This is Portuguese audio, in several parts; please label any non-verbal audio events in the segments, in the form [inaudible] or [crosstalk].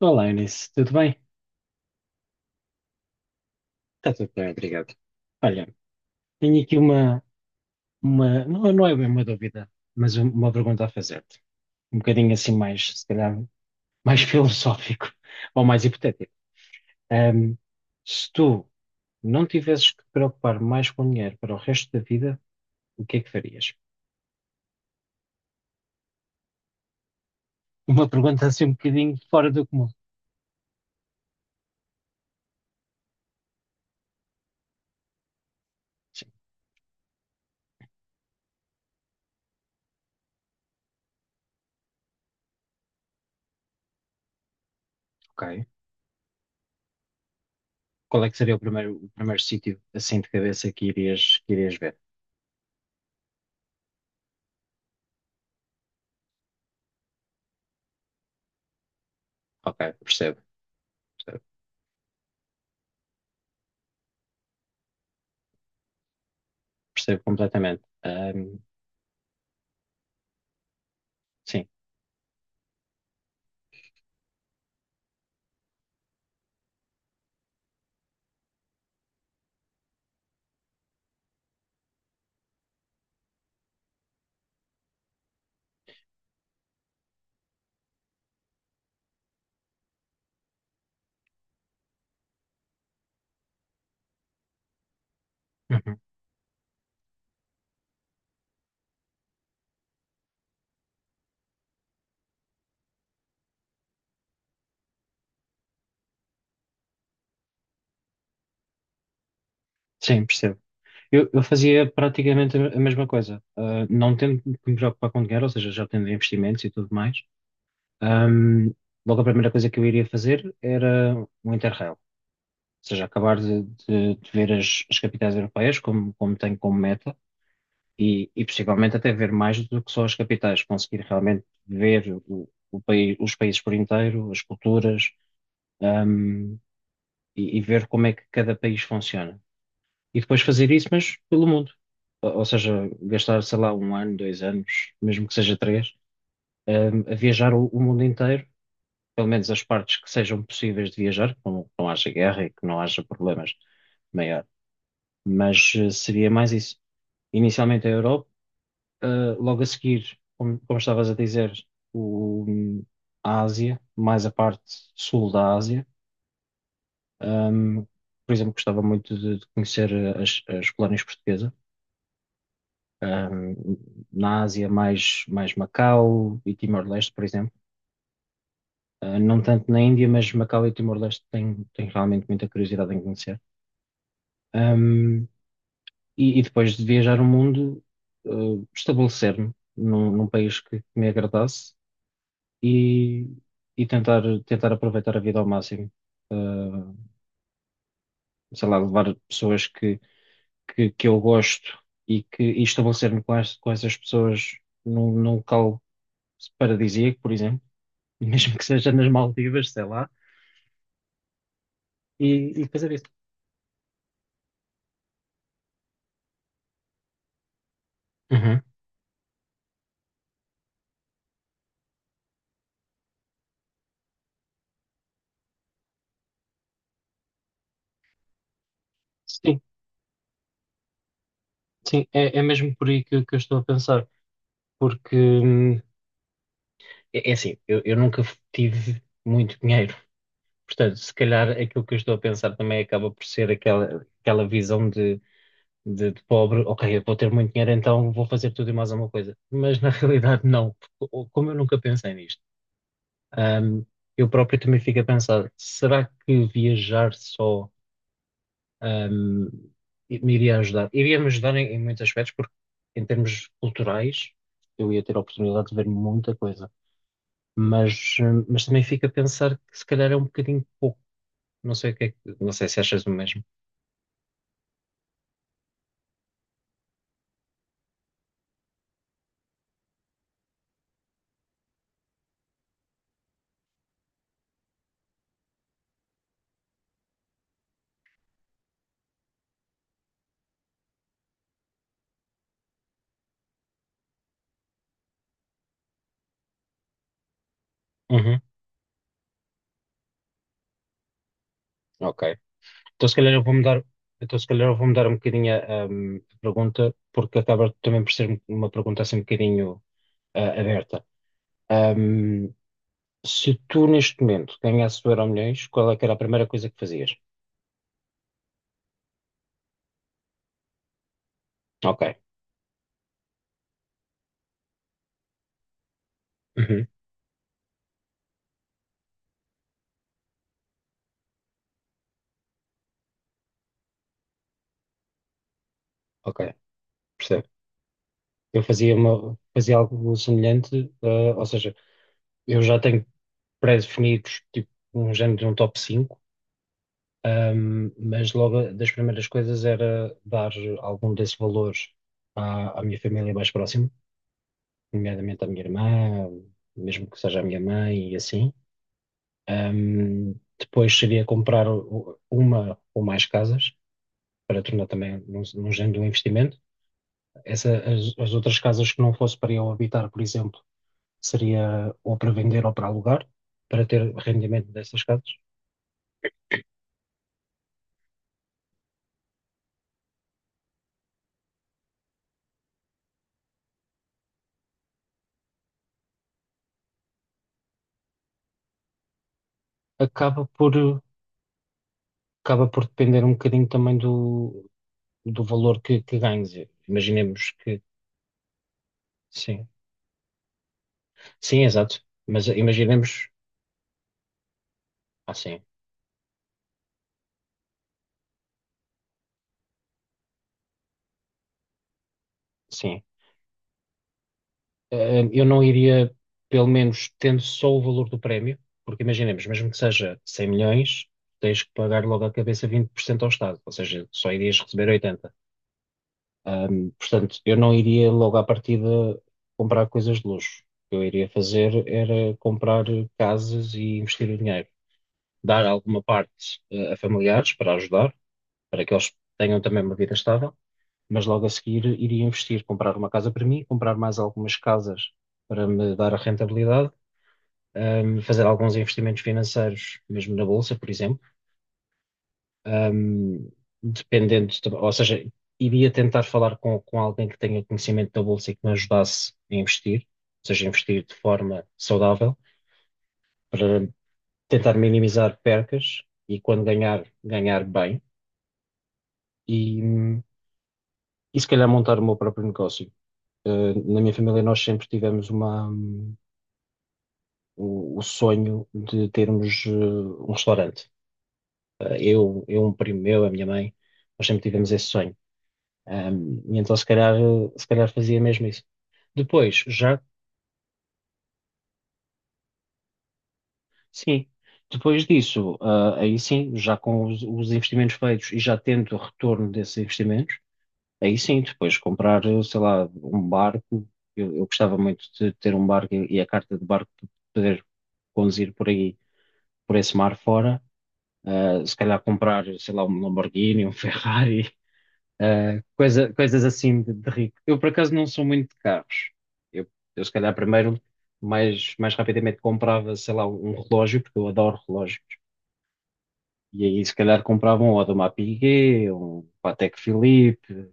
Olá, Inês, tudo bem? Está tudo bem, obrigado. Olha, tenho aqui uma não, não é bem uma dúvida, mas uma pergunta a fazer-te. Um bocadinho assim mais, se calhar, mais [laughs] filosófico ou mais hipotético. Ahm, Se tu não tivesses que te preocupar mais com dinheiro para o resto da vida, o que é que farias? Uma pergunta assim um bocadinho fora do comum. Sim, ok. Qual é que seria o primeiro sítio assim de cabeça que irias ver? Ok, percebo, percebo, percebo completamente. Sim. Uhum. Sim, percebo. Eu fazia praticamente a mesma coisa. Não tendo que me preocupar com dinheiro, ou seja, já tendo investimentos e tudo mais, ahm, logo a primeira coisa que eu iria fazer era um Interrail. Ou seja, acabar de ver as, as capitais europeias, como, como tenho como meta, e possivelmente até ver mais do que só as capitais, conseguir realmente ver o país, os países por inteiro, as culturas, ahm, e ver como é que cada país funciona. E depois fazer isso, mas pelo mundo. Ou seja, gastar, sei lá, um ano, dois anos, mesmo que seja três, a viajar o mundo inteiro, pelo menos as partes que sejam possíveis de viajar, que não haja guerra e que não haja problemas maior. Mas seria mais isso. Inicialmente a Europa, eh, logo a seguir, como, como estavas a dizer, o, a Ásia, mais a parte sul da Ásia. Hum, por exemplo, gostava muito de conhecer as, as colónias portuguesas ahm, na Ásia mais Macau e Timor-Leste, por exemplo. Não tanto na Índia, mas Macau e Timor-Leste tenho, tenho realmente muita curiosidade em conhecer. Ahm, e, e depois de viajar o mundo, ah, estabelecer-me num, num país que me agradasse e, e tentar, tentar aproveitar a vida ao máximo. Ah, Sei lá, levar pessoas que, que eu gosto e que e estabelecer-me com, com essas pessoas num, num local paradisíaco, por exemplo, [laughs] mesmo que seja nas Maldivas, sei lá, e fazer isso. Uhum. Sim, sim, é, é mesmo por aí que eu estou a pensar, porque é, é assim, eu nunca tive muito dinheiro, portanto, se calhar aquilo que eu estou a pensar também acaba por ser aquela, aquela visão de, de pobre, ok, eu vou ter muito dinheiro, então vou fazer tudo e mais alguma coisa, mas na [laughs] realidade não, porque, como eu nunca pensei nisto, hum, eu próprio também fico a pensar, será que viajar só ahm, e me iria ajudar. Iria-me ajudar em, em muitos aspectos, porque em termos culturais eu ia ter a oportunidade de ver muita coisa. Mas também fica a pensar que se calhar é um bocadinho pouco. Não sei o que é que, não sei se achas o mesmo. Uhum, ok. Então se calhar eu vou mudar, então se calhar eu vou mudar um bocadinho a pergunta, porque acaba também por ser uma pergunta assim um bocadinho aberta. Hum, Se tu neste momento ganhasses o Euromilhões, qual é que era a primeira coisa que fazias? Ok. Uhum, ok. Percebe? Eu fazia algo semelhante, ou seja, eu já tenho pré-definidos, tipo, um género de um top 5 mas das primeiras coisas era dar algum desses valores à, à minha família mais próxima, nomeadamente à minha irmã, mesmo que seja a minha mãe e assim. Depois seria comprar uma ou mais casas, para tornar também num, num género de um investimento. Essa, as outras casas que não fosse para eu habitar, por exemplo, seria ou para vender ou para alugar, para ter rendimento dessas casas, acaba por, acaba por depender um bocadinho também do, do valor que ganhes. Imaginemos que, sim, sim, exato, mas imaginemos, sim, sim. Eu não iria, pelo menos tendo só o valor do prémio, porque imaginemos, mesmo que seja 100 milhões, tens que pagar logo à cabeça 20% ao Estado, ou seja, só irias receber 80. Portanto, eu não iria logo à partida comprar coisas de luxo. O que eu iria fazer era comprar casas e investir o dinheiro. Dar alguma parte, a familiares para ajudar, para que eles tenham também uma vida estável, mas logo a seguir iria investir, comprar uma casa para mim, comprar mais algumas casas para me dar a rentabilidade, fazer alguns investimentos financeiros, mesmo na bolsa, por exemplo. ahm, Dependente, ou seja, iria tentar falar com alguém que tenha conhecimento da bolsa e que me ajudasse a investir, ou seja, investir de forma saudável, para tentar minimizar percas e quando ganhar, ganhar bem e, hum, e se calhar montar o meu próprio negócio. Na minha família nós sempre tivemos o sonho de termos um restaurante. Eu, um primo meu, a minha mãe, nós sempre tivemos esse sonho. E então se calhar, se calhar fazia mesmo isso. Depois, já, sim, depois disso, aí sim, já com os investimentos feitos e já tendo o retorno desses investimentos, aí sim, depois comprar, sei lá, um barco. Eu gostava muito de ter um barco e a carta de barco para poder conduzir por aí, por esse mar fora. Se calhar comprar, sei lá, um Lamborghini, um [laughs] Ferrari, coisas assim de rico. Eu, por acaso, não sou muito de carros. Eu, eu se calhar, primeiro, mais, mais rapidamente comprava, sei lá, um relógio, porque eu adoro relógios. E aí, se calhar, comprava um Audemars Piguet, um Patek Philippe.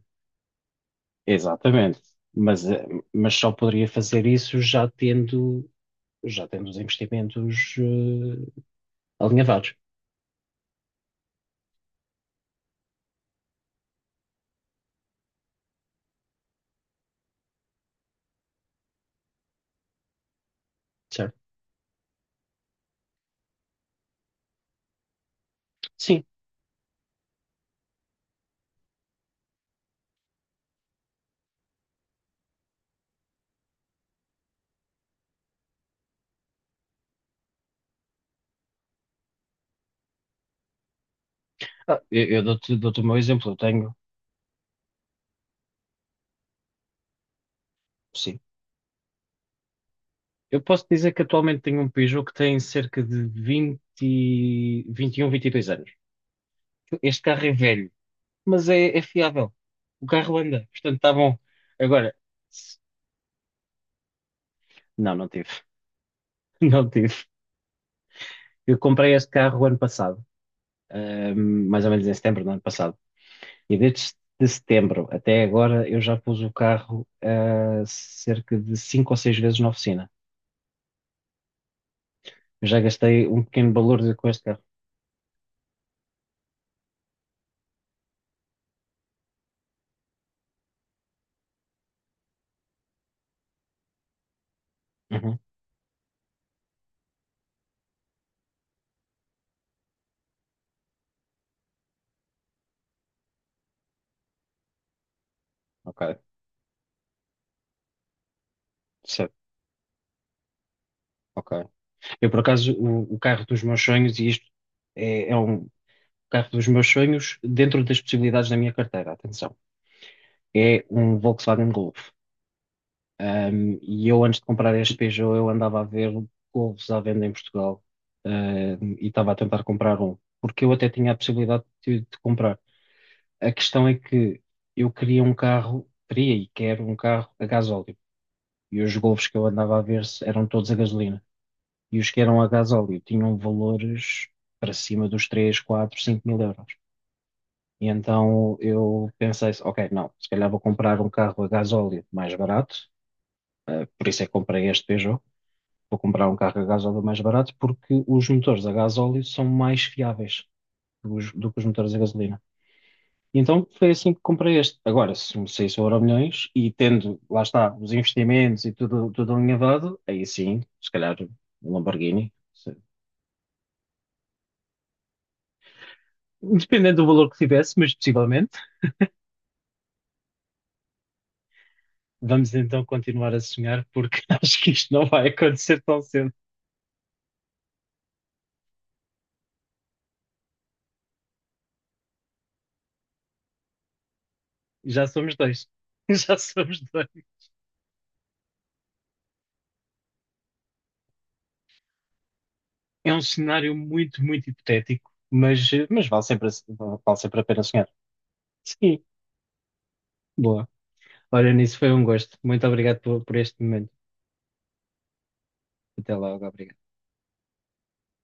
Exatamente. Mas, eh, mas só poderia fazer isso já tendo os investimentos, alinhavados, certo? Sim. Eu dou-te o meu exemplo. Sim. Eu posso dizer que atualmente tenho um Peugeot que tem cerca de 20, 21, 22 anos. Este carro é velho, mas é, é fiável. O carro anda, portanto está bom. Agora, se- não, não tive. [laughs] Não tive. Eu comprei este carro o ano passado, mais ou menos em setembro do ano passado. E desde de setembro até agora eu já pus o carro cerca de 5 ou 6 vezes na oficina. Eu já gastei um pequeno valor com este carro. Uhum. Ok, certo. Ok. Eu, por acaso, o carro dos meus sonhos, e isto é, é um carro dos meus sonhos dentro das possibilidades da minha carteira, atenção, é um Volkswagen Golf. E eu, antes de comprar este Peugeot, eu andava a ver Golfs à venda em Portugal, e estava a tentar comprar um, porque eu até tinha a possibilidade de comprar. A questão é que eu queria um carro, queria e quero um carro a gasóleo. E os Golfs que eu andava a ver eram todos a gasolina. E os que eram a gasóleo tinham valores para cima dos 3, 4, 5 mil euros. E então eu pensei, ok, não, se calhar vou comprar um carro a gasóleo mais barato, por isso é que comprei este Peugeot, vou comprar um carro a gasóleo mais barato porque os motores a gasóleo são mais fiáveis do, do que os motores a gasolina. E então foi assim que comprei este. Agora, se me saísse o Euromilhões e tendo, lá está, os investimentos e tudo, tudo alinhavado, aí sim, se calhar um Lamborghini. Dependendo do valor que tivesse, mas possivelmente. Vamos então continuar a sonhar, porque [laughs] acho que isto não vai acontecer tão cedo. Já somos dois. [laughs] Já somos dois. É um cenário muito, muito hipotético, mas vale sempre, vale sempre a pena sonhar. Sim, boa. Olha, nisso foi um gosto. Muito obrigado por este momento. Até logo, obrigado.